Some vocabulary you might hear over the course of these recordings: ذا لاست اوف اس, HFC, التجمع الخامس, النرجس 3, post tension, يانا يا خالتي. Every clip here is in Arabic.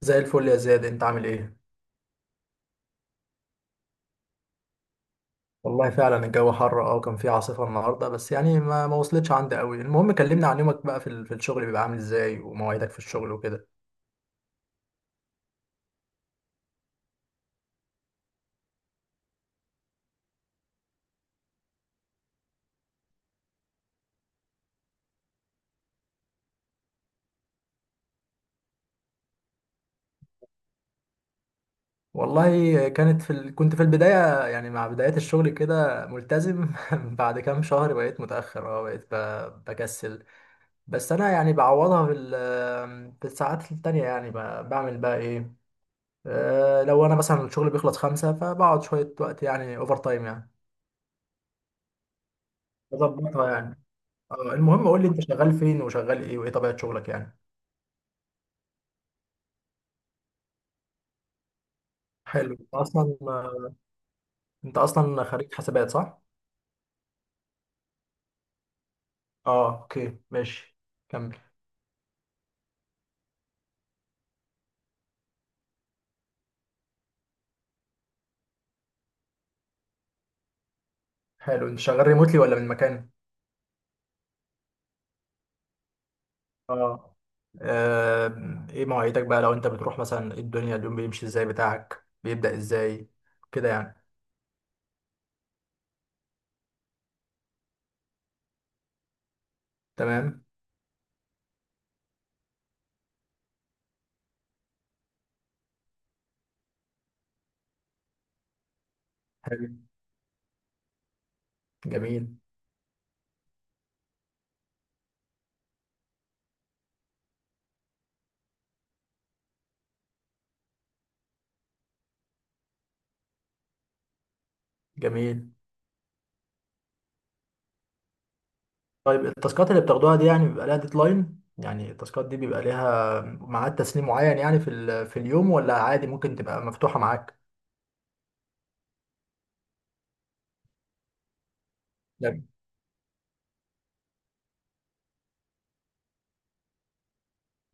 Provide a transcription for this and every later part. زي الفل يا زياد، انت عامل ايه؟ والله فعلا الجو حر، كان في عاصفة النهاردة. بس يعني ما وصلتش عندي قوي. المهم، كلمنا عن يومك بقى في الشغل، بيبقى عامل ازاي ومواعيدك في الشغل وكده؟ والله كنت في البداية يعني مع بداية الشغل كده ملتزم. بعد كام شهر بقيت متأخر، بقيت بكسل. بس انا يعني بعوضها في الساعات التانية. يعني بعمل بقى ايه؟ اه لو انا مثلا الشغل بيخلص خمسة، فبقعد شوية وقت، يعني اوفر تايم يعني، بظبطها يعني. المهم قول لي انت شغال فين وشغال ايه وايه طبيعة شغلك يعني. حلو. انت اصلا خريج حسابات، صح؟ اه، اوكي ماشي، كمل. حلو. انت شغال ريموتلي ولا من مكان؟ اه. ايه مواعيدك بقى، لو انت بتروح مثلا، ايه الدنيا اليوم بيمشي ازاي، بتاعك بيبدأ ازاي كده يعني؟ تمام. حلو. جميل جميل. طيب، التاسكات اللي بتاخدوها دي، يعني بيبقى لها ديدلاين، يعني التاسكات دي بيبقى ليها ميعاد تسليم معين يعني في اليوم، ولا عادي ممكن تبقى مفتوحة معاك؟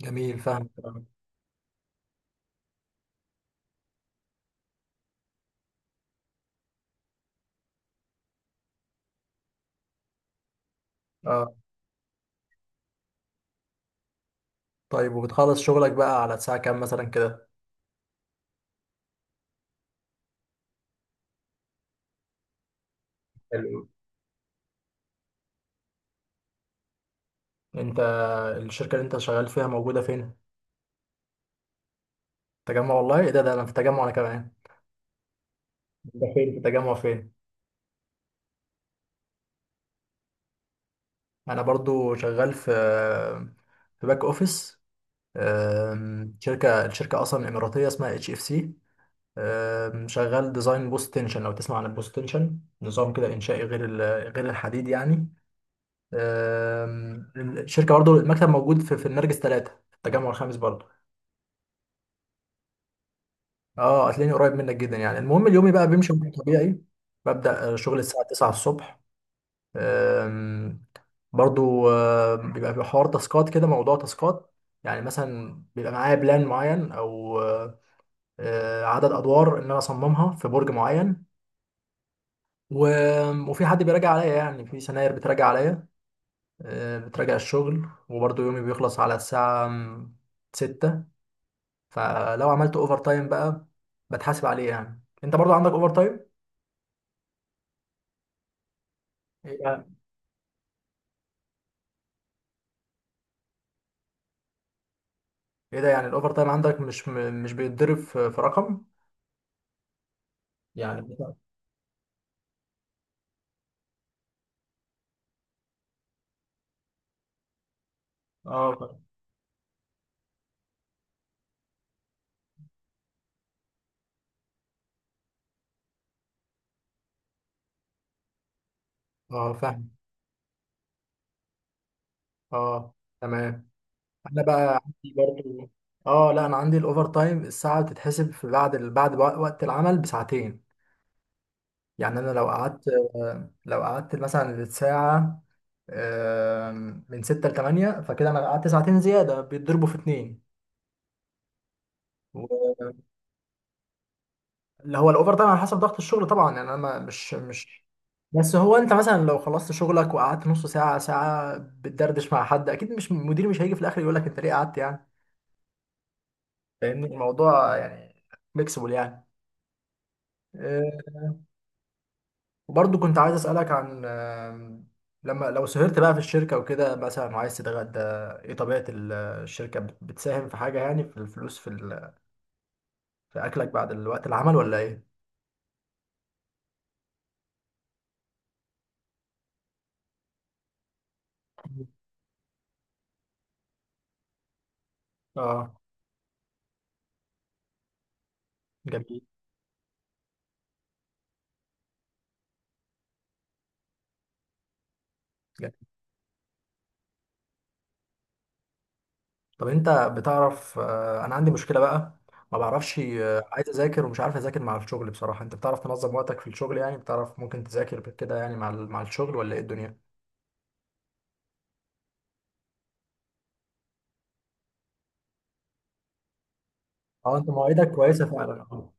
جميل، فاهم، اه. طيب، وبتخلص شغلك بقى على الساعة كام مثلا كده؟ حلو. انت، الشركة اللي انت شغال فيها موجودة فين؟ تجمع! والله ايه ده انا في تجمع انا كمان. انت فين في تجمع فين؟ انا برضو شغال في باك اوفيس. الشركة اصلا اماراتية اسمها اتش اف سي. شغال ديزاين بوست تنشن، لو تسمع عن البوست تنشن، نظام كده انشائي غير الحديد يعني. الشركة برضو المكتب موجود في النرجس 3 في التجمع الخامس برضو. اه هتلاقيني قريب منك جدا يعني. المهم، اليومي بقى بيمشي بشكل طبيعي. ببدأ شغل الساعة 9 الصبح. آم، برضو بيبقى في حوار تاسكات كده، موضوع تاسكات. يعني مثلا بيبقى معايا بلان معين، او عدد ادوار ان انا اصممها في برج معين. وفي حد بيراجع عليا، يعني في سناير بتراجع عليا. بتراجع الشغل. وبرضو يومي بيخلص على الساعة 6. فلو عملت اوفر تايم بقى، بتحاسب عليه؟ يعني انت برضو عندك اوفر تايم؟ ايه ده، يعني الاوفر تايم عندك مش مش بيتضرب في رقم؟ يعني اه، اه، فاهم، اه، تمام. انا بقى عندي برضو، اه لا، انا عندي الاوفر تايم الساعه بتتحسب بعد وقت العمل بساعتين. يعني انا لو قعدت، لو قعدت مثلا الساعه آه، من 6 ل 8، فكده انا قعدت ساعتين زياده بيتضربوا في اتنين. اللي هو الاوفر تايم على حسب ضغط الشغل طبعا، يعني انا مش. بس هو انت مثلا لو خلصت شغلك وقعدت نص ساعه ساعه بتدردش مع حد، اكيد مش المدير مش هيجي في الاخر يقول لك انت ليه قعدت يعني. فاهمني الموضوع يعني، فليكسبل يعني. آه، وبرضه كنت عايز اسالك عن لما لو سهرت بقى في الشركه وكده مثلا وعايز تتغدى، ايه طبيعه الشركه، بتساهم في حاجه، يعني في الفلوس، في اكلك بعد الوقت العمل، ولا ايه؟ اه، جميل. طب انت بتعرف، انا عندي مشكله بقى، ما بعرفش، عايز اذاكر ومش عارف اذاكر مع الشغل بصراحه. انت بتعرف تنظم وقتك في الشغل يعني؟ بتعرف ممكن تذاكر كده يعني مع الشغل ولا ايه الدنيا؟ اه، انت مواعيدك كويسه فعلا، اه.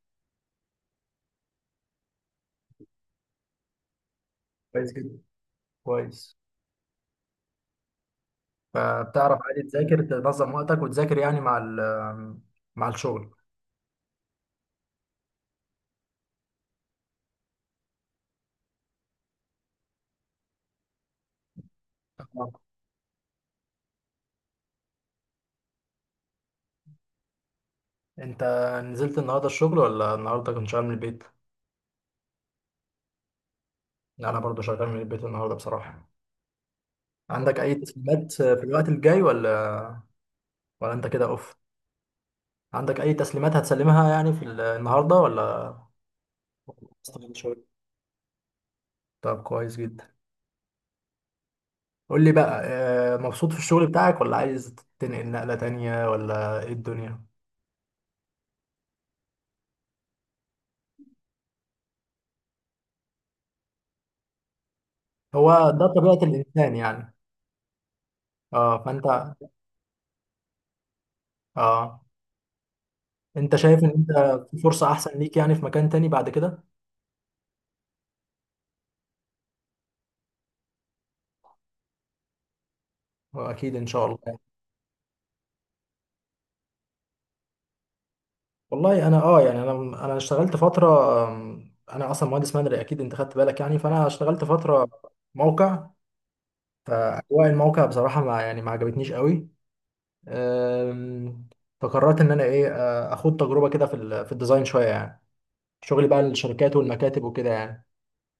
كويس جدا، كويس. فبتعرف عادي تذاكر، تنظم وقتك وتذاكر يعني مع الشغل. آه. انت نزلت النهارده الشغل ولا النهارده كنت شغال من البيت؟ لا، انا برضه شغال من البيت النهارده بصراحه. عندك اي تسليمات في الوقت الجاي، ولا ولا انت كده اوف؟ عندك أي تسليمات هتسلمها يعني النهاردة ولا؟ استنى شوية. طب كويس جدا. قول لي بقى، مبسوط في الشغل بتاعك ولا عايز تنقل نقلة تانية ولا إيه الدنيا؟ هو ده طبيعة الإنسان يعني. اه، فأنت، اه، أنت شايف إن أنت في فرصة أحسن ليك يعني في مكان تاني بعد كده؟ أكيد إن شاء الله يعني. والله أنا، اه، يعني أنا اشتغلت فترة. أنا أصلا مهندس مدني، أكيد أنت خدت بالك يعني. فأنا اشتغلت فترة موقع. فأجواء الموقع بصراحة ما يعني ما عجبتنيش قوي. أم، فقررت ان انا ايه، اخد تجربه كده في الديزاين شويه يعني. شغلي بقى للشركات والمكاتب وكده يعني.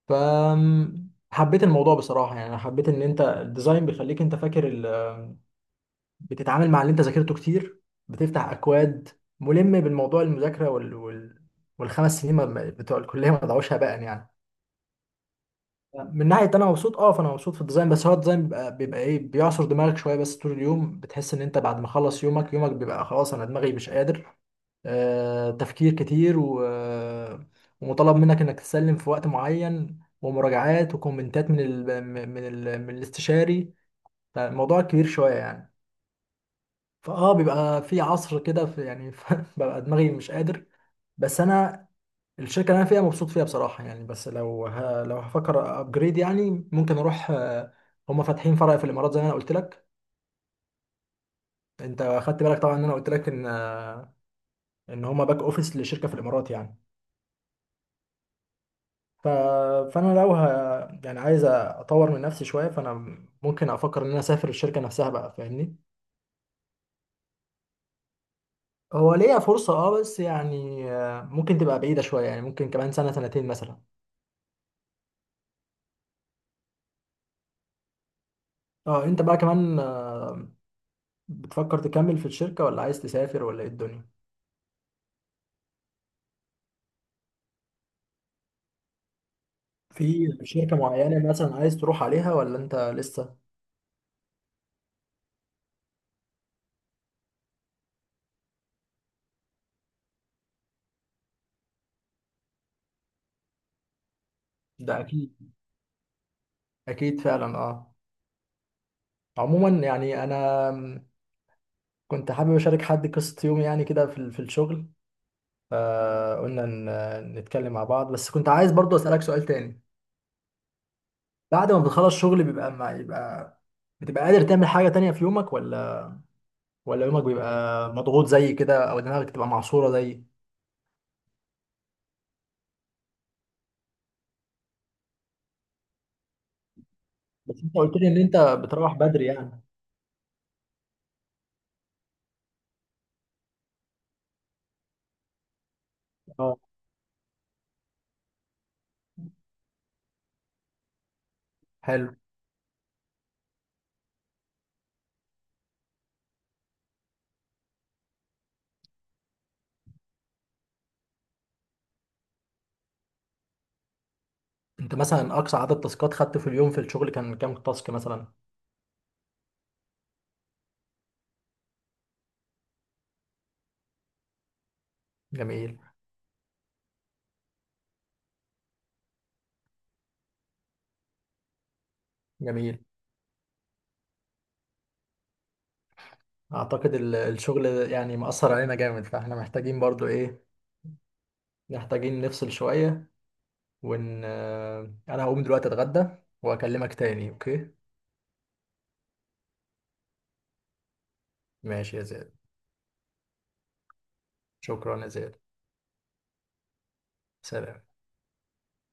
ف حبيت الموضوع بصراحه يعني. أنا حبيت ان انت الديزاين بيخليك انت فاكر بتتعامل مع اللي انت ذاكرته كتير، بتفتح اكواد، ملم بالموضوع، المذاكره والخمس سنين بتوع الكليه ما ضيعوش هباء يعني. من ناحيه انا مبسوط، اه. فانا مبسوط في الديزاين. بس هو الديزاين بيبقى، ايه بيعصر دماغك شويه. بس طول اليوم بتحس ان انت بعد ما خلص يومك، يومك بيبقى خلاص، انا دماغي مش قادر. تفكير كتير ومطالب منك انك تسلم في وقت معين، ومراجعات وكومنتات من الاستشاري. فالموضوع كبير شوية يعني. فاه بيبقى في عصر كده في يعني ببقى دماغي مش قادر. بس انا الشركة اللي انا فيها مبسوط فيها بصراحة يعني. بس لو هفكر ابجريد، يعني ممكن اروح، هما فاتحين فرع في الامارات زي ما انا قلت لك. انت خدت بالك طبعا ان انا قلت لك ان، ان هما باك اوفيس لشركة في الامارات يعني. ف... فانا لو ه... يعني عايز اطور من نفسي شويه. فانا ممكن افكر ان انا اسافر الشركه نفسها بقى، فاهمني. هو ليا فرصه، اه، بس يعني ممكن تبقى بعيده شويه، يعني ممكن كمان سنه سنتين مثلا. اه، انت بقى كمان بتفكر تكمل في الشركه ولا عايز تسافر ولا ايه الدنيا؟ في شركه معينه مثلا عايز تروح عليها ولا انت لسه؟ ده اكيد، اكيد فعلا، اه. عموما يعني انا كنت حابب اشارك حد قصه يومي يعني كده في الشغل. فقلنا نتكلم مع بعض. بس كنت عايز برضو أسألك سؤال تاني. بعد ما بتخلص شغل بيبقى ما يبقى، بتبقى قادر تعمل حاجة تانية في يومك ولا؟ ولا يومك بيبقى مضغوط زي كده، أو دماغك بتبقى معصورة زي. بس أنت قلت لي إن أنت بتروح بدري يعني. اه، حلو. أنت مثلا أقصى عدد تاسكات خدته في اليوم في الشغل كان كام تاسك مثلا؟ جميل جميل. أعتقد الشغل يعني مأثر علينا جامد، فإحنا محتاجين برضو إيه، محتاجين نفصل شوية. وان انا هقوم دلوقتي اتغدى واكلمك تاني، اوكي؟ ماشي يا زياد. شكرا يا زياد. سلام.